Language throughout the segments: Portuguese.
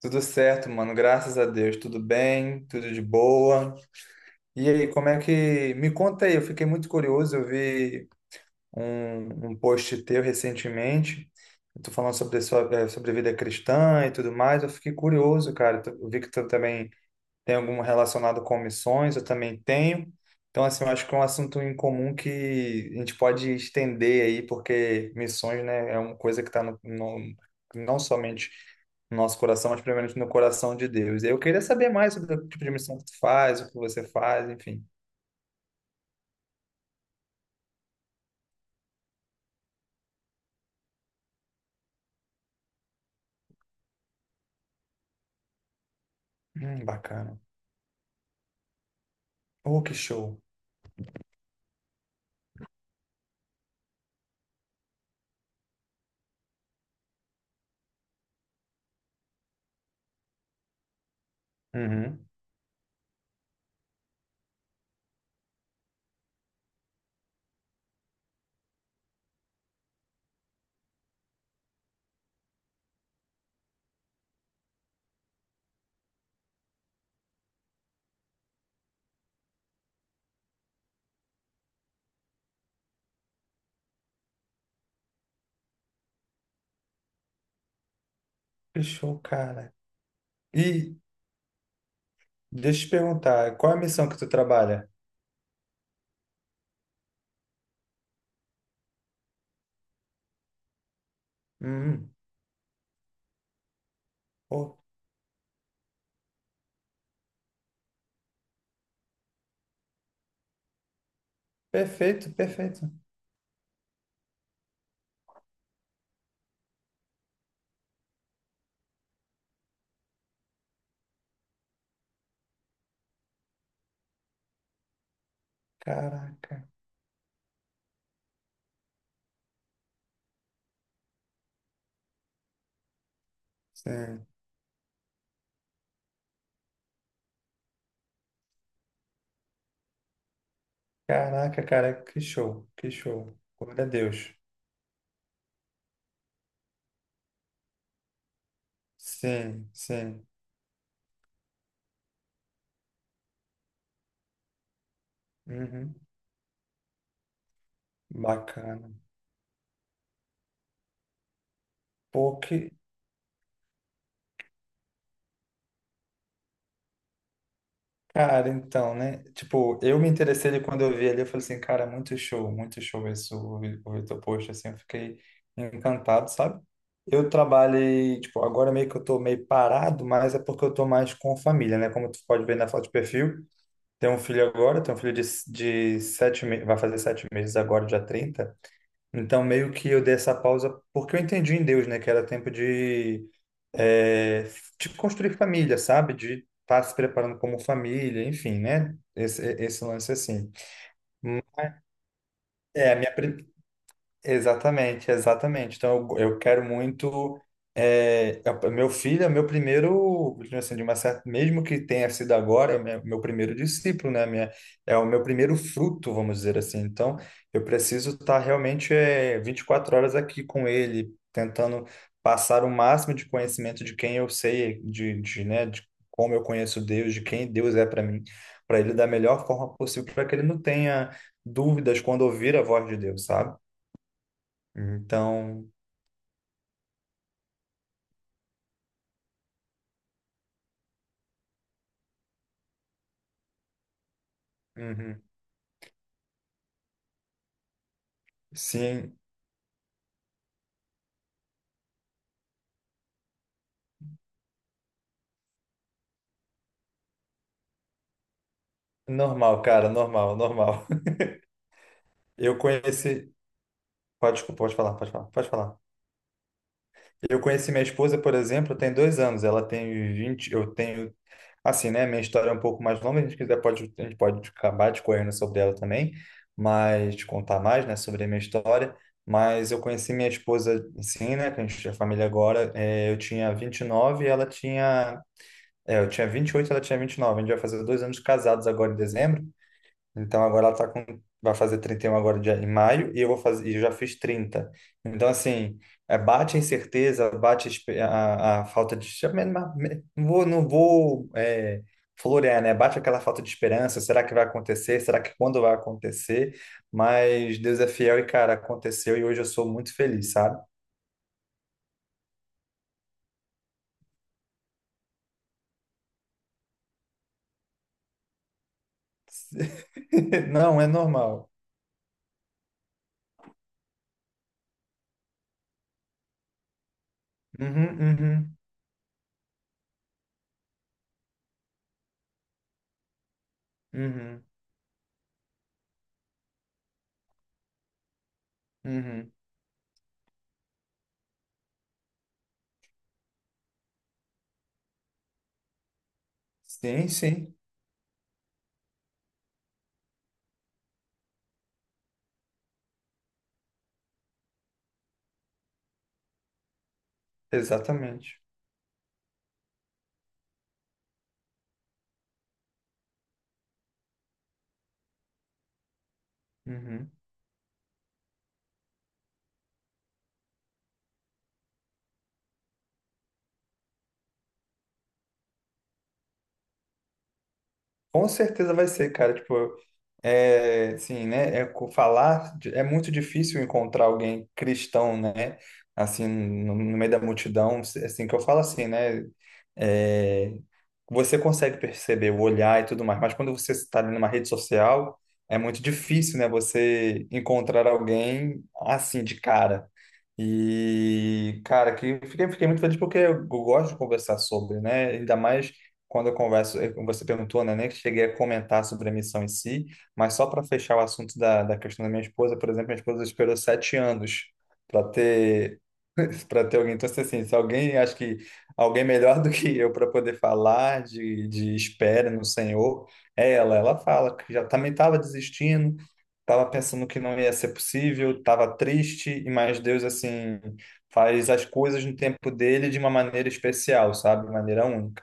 Tudo certo, mano. Graças a Deus. Tudo bem, tudo de boa. E aí, como é que. me conta aí, eu fiquei muito curioso. Eu vi um post teu recentemente. Tu falando sobre vida cristã e tudo mais. Eu fiquei curioso, cara. Eu vi que tu também tem algum relacionado com missões, eu também tenho. Então, assim, eu acho que é um assunto em comum que a gente pode estender aí, porque missões, né, é uma coisa que está não somente no nosso coração, mas primeiramente no coração de Deus. Eu queria saber mais sobre o tipo de missão que tu faz, o que você faz, enfim. Bacana. Oh, que show. Uhum. Que show, cara. E deixa eu te perguntar, qual é a missão que tu trabalha? Hum. Oh, perfeito, perfeito. Caraca. Sim. Caraca, cara, que show, que show. Glória a Deus. Sim, sim. Uhum. Bacana. Pô. Cara, então, né? Tipo, eu me interessei ali quando eu vi ali, eu falei assim, cara, muito show isso, o Vitor Post, assim, eu fiquei encantado, sabe? Eu trabalhei, tipo, agora meio que eu tô meio parado, mas é porque eu tô mais com família, né? Como tu pode ver na foto de perfil, tenho um filho agora, tenho um filho de 7 meses, vai fazer 7 meses agora, dia 30. Então, meio que eu dei essa pausa porque eu entendi em Deus, né? Que era tempo é, de construir família, sabe? De estar se preparando como família, enfim, né? Esse lance assim. É, a minha, pri- Exatamente, exatamente. Então, eu quero muito. Meu filho é meu primeiro, digamos assim, de uma certa, mesmo que tenha sido agora, é meu primeiro discípulo, né? É o meu primeiro fruto, vamos dizer assim. Então, eu preciso estar realmente 24 horas aqui com ele, tentando passar o máximo de conhecimento de quem eu sei, de, né, de como eu conheço Deus, de quem Deus é para mim, para ele da melhor forma possível, para que ele não tenha dúvidas quando ouvir a voz de Deus, sabe? Então, uhum. Sim, normal, cara, normal, normal. Eu conheci. Pode, desculpa, pode falar, pode falar, pode falar. Eu conheci minha esposa, por exemplo, tem 2 anos. Ela tem 20, eu tenho. Assim, né? Minha história é um pouco mais longa. A gente quiser, pode, a gente pode acabar discorrendo sobre ela também, mas te contar mais, né, sobre a minha história. Mas eu conheci minha esposa, assim, né? Que a gente é família agora. Eu tinha 29 e ela tinha. É, eu tinha 28, ela tinha 29. A gente vai fazer 2 anos de casados agora em dezembro. Então agora ela tá com vai fazer 31 agora em maio, e eu já fiz 30. Então assim, bate a incerteza, bate a falta de não vou florear, né? Bate aquela falta de esperança, será que vai acontecer? Será que quando vai acontecer? Mas Deus é fiel e, cara, aconteceu, e hoje eu sou muito feliz, sabe? Não, é normal. Uhum, uhum, uhum, uhum. Sim, sim, exatamente. Uhum. Com certeza vai ser, cara. Tipo, assim, né? É muito difícil encontrar alguém cristão, né? Assim, no meio da multidão, assim que eu falo assim, né? É, você consegue perceber o olhar e tudo mais, mas quando você está ali numa rede social, é muito difícil, né? Você encontrar alguém assim de cara. E, cara, que fiquei muito feliz porque eu gosto de conversar sobre, né? Ainda mais quando eu converso, você perguntou, né, nem cheguei a comentar sobre a missão em si, mas só para fechar o assunto da questão da minha esposa, por exemplo, minha esposa esperou 7 anos para ter para ter alguém. Então, se alguém, acho que alguém melhor do que eu para poder falar de espera no Senhor, é ela. Ela fala que já também estava desistindo, estava pensando que não ia ser possível, estava triste, e mais Deus, assim, faz as coisas no tempo dele de uma maneira especial, sabe? De maneira única.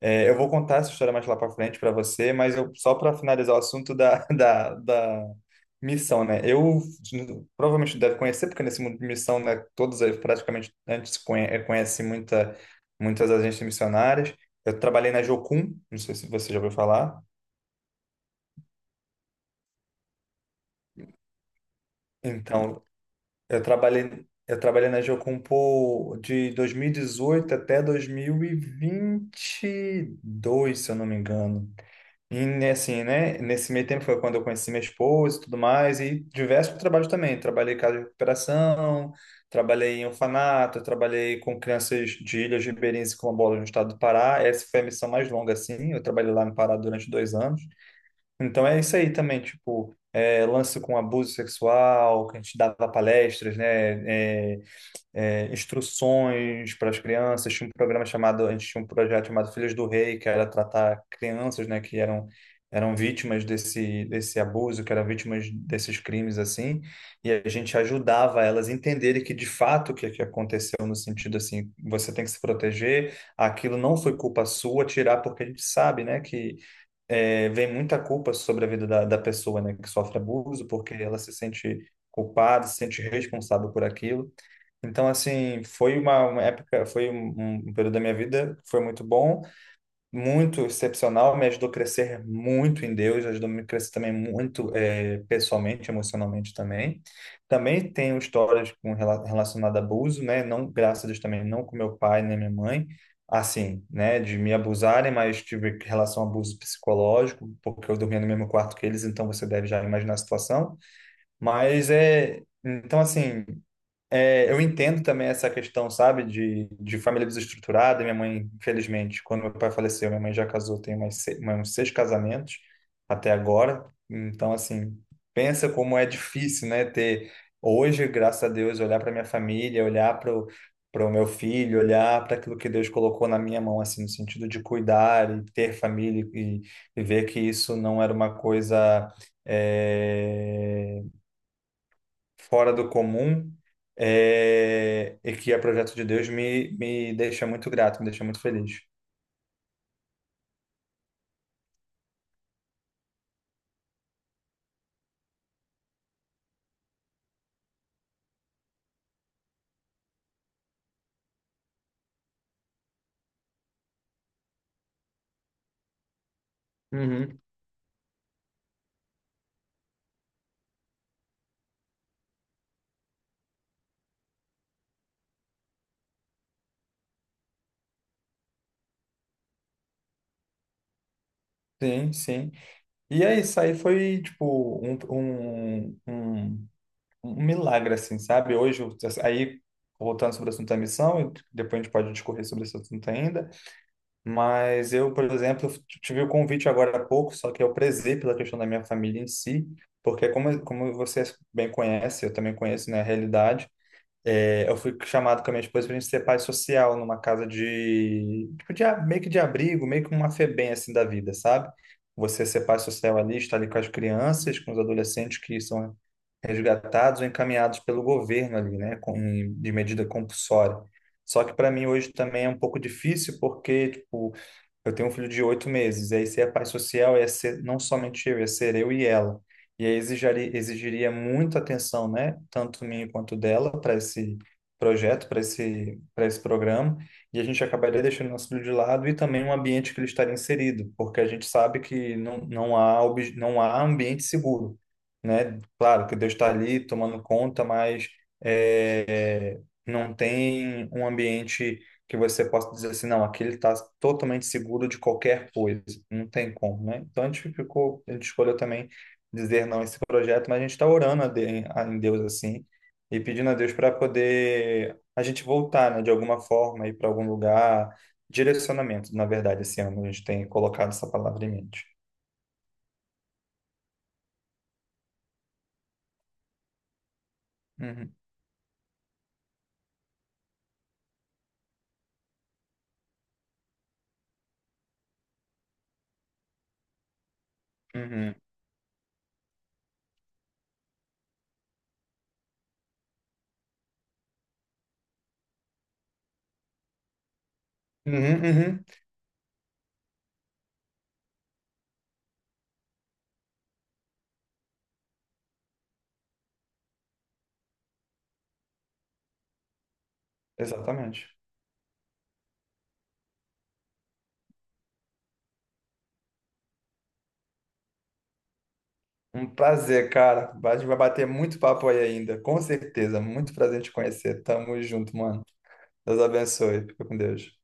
É, eu vou contar essa história mais lá para frente para você, mas eu, só para finalizar o assunto da, da missão, né? Eu provavelmente deve conhecer, porque nesse mundo de missão, né, todos praticamente antes conhecem muitas agências missionárias. Eu trabalhei na Jocum, não sei se você já ouviu falar. Então, eu trabalhei na Jocum de 2018 até 2022, se eu não me engano. E né, assim, né? Nesse meio tempo foi quando eu conheci minha esposa e tudo mais, e diversos trabalhos também. Trabalhei em casa de recuperação, trabalhei em orfanato, trabalhei com crianças de Ilhas Ribeirinhas e Quilombolas no estado do Pará. Essa foi a missão mais longa, assim. Eu trabalhei lá no Pará durante 2 anos. Então é isso aí também, tipo, lance com abuso sexual, que a gente dava palestras, né? Instruções para as crianças. Tinha um programa chamado, A gente tinha um projeto chamado Filhos do Rei, que era tratar crianças, né, que eram vítimas desse abuso, que eram vítimas desses crimes assim, e a gente ajudava elas a entenderem que de fato o que que aconteceu no sentido assim, você tem que se proteger, aquilo não foi culpa sua, tirar porque a gente sabe, né, que vem muita culpa sobre a vida da pessoa, né, que sofre abuso, porque ela se sente culpada, se sente responsável por aquilo. Então, assim, foi uma época, foi um período da minha vida, que foi muito bom, muito excepcional, me ajudou a crescer muito em Deus, ajudou a me crescer também muito pessoalmente, emocionalmente também. Também tenho histórias com relacionado a abuso, né? Não, graças a Deus também, não com meu pai nem minha mãe, assim, né? De me abusarem, mas tive relação a abuso psicológico, porque eu dormia no mesmo quarto que eles, então você deve já imaginar a situação. Mas é, então assim. É, eu entendo também essa questão, sabe, de família desestruturada. Minha mãe, infelizmente, quando meu pai faleceu, minha mãe já casou, tem umas, se- mais uns 6 casamentos até agora. Então, assim, pensa como é difícil, né, ter hoje, graças a Deus, olhar para minha família, olhar para o meu filho, olhar para aquilo que Deus colocou na minha mão, assim, no sentido de cuidar e ter família e, ver que isso não era uma coisa eh, fora do comum e que é projeto de Deus, me deixa muito grato, me deixa muito feliz. Uhum. Sim, sim. E é isso aí, foi tipo um milagre, assim, sabe? Aí, voltando sobre o assunto da missão, e depois a gente pode discorrer sobre esse assunto ainda, mas eu, por exemplo, tive o convite agora há pouco, só que eu prezei pela questão da minha família em si, porque como você bem conhece, eu também conheço, né, a realidade. É, eu fui chamado com a minha esposa para a gente ser pai social numa casa de, tipo, meio que de abrigo, meio que uma Febem assim da vida, sabe? Você ser pai social ali, estar ali com as crianças, com os adolescentes que são resgatados ou encaminhados pelo governo ali, né, de medida compulsória. Só que para mim hoje também é um pouco difícil porque, tipo, eu tenho um filho de 8 meses, e aí ser a pai social ia ser não somente eu, ia ser eu e ela. E aí exigiria muita atenção, né, tanto minha quanto dela, para esse projeto, para esse programa, e a gente acabaria deixando nosso filho de lado e também um ambiente que ele estaria inserido, porque a gente sabe que não há ambiente seguro, né? Claro que Deus está ali tomando conta, mas é, não tem um ambiente que você possa dizer assim, não, aqui ele está totalmente seguro de qualquer coisa. Não tem como, né? Então a gente escolheu também dizer não a esse projeto, mas a gente está orando em Deus assim e pedindo a Deus para poder a gente voltar, né, de alguma forma, ir para algum lugar. Direcionamento, na verdade, esse ano a gente tem colocado essa palavra em mente. Uhum, uhum, uhum, uhum, exatamente. Um prazer, cara. A gente vai bater muito papo aí ainda, com certeza. Muito prazer em te conhecer. Tamo junto, mano. Deus abençoe. Fica com Deus.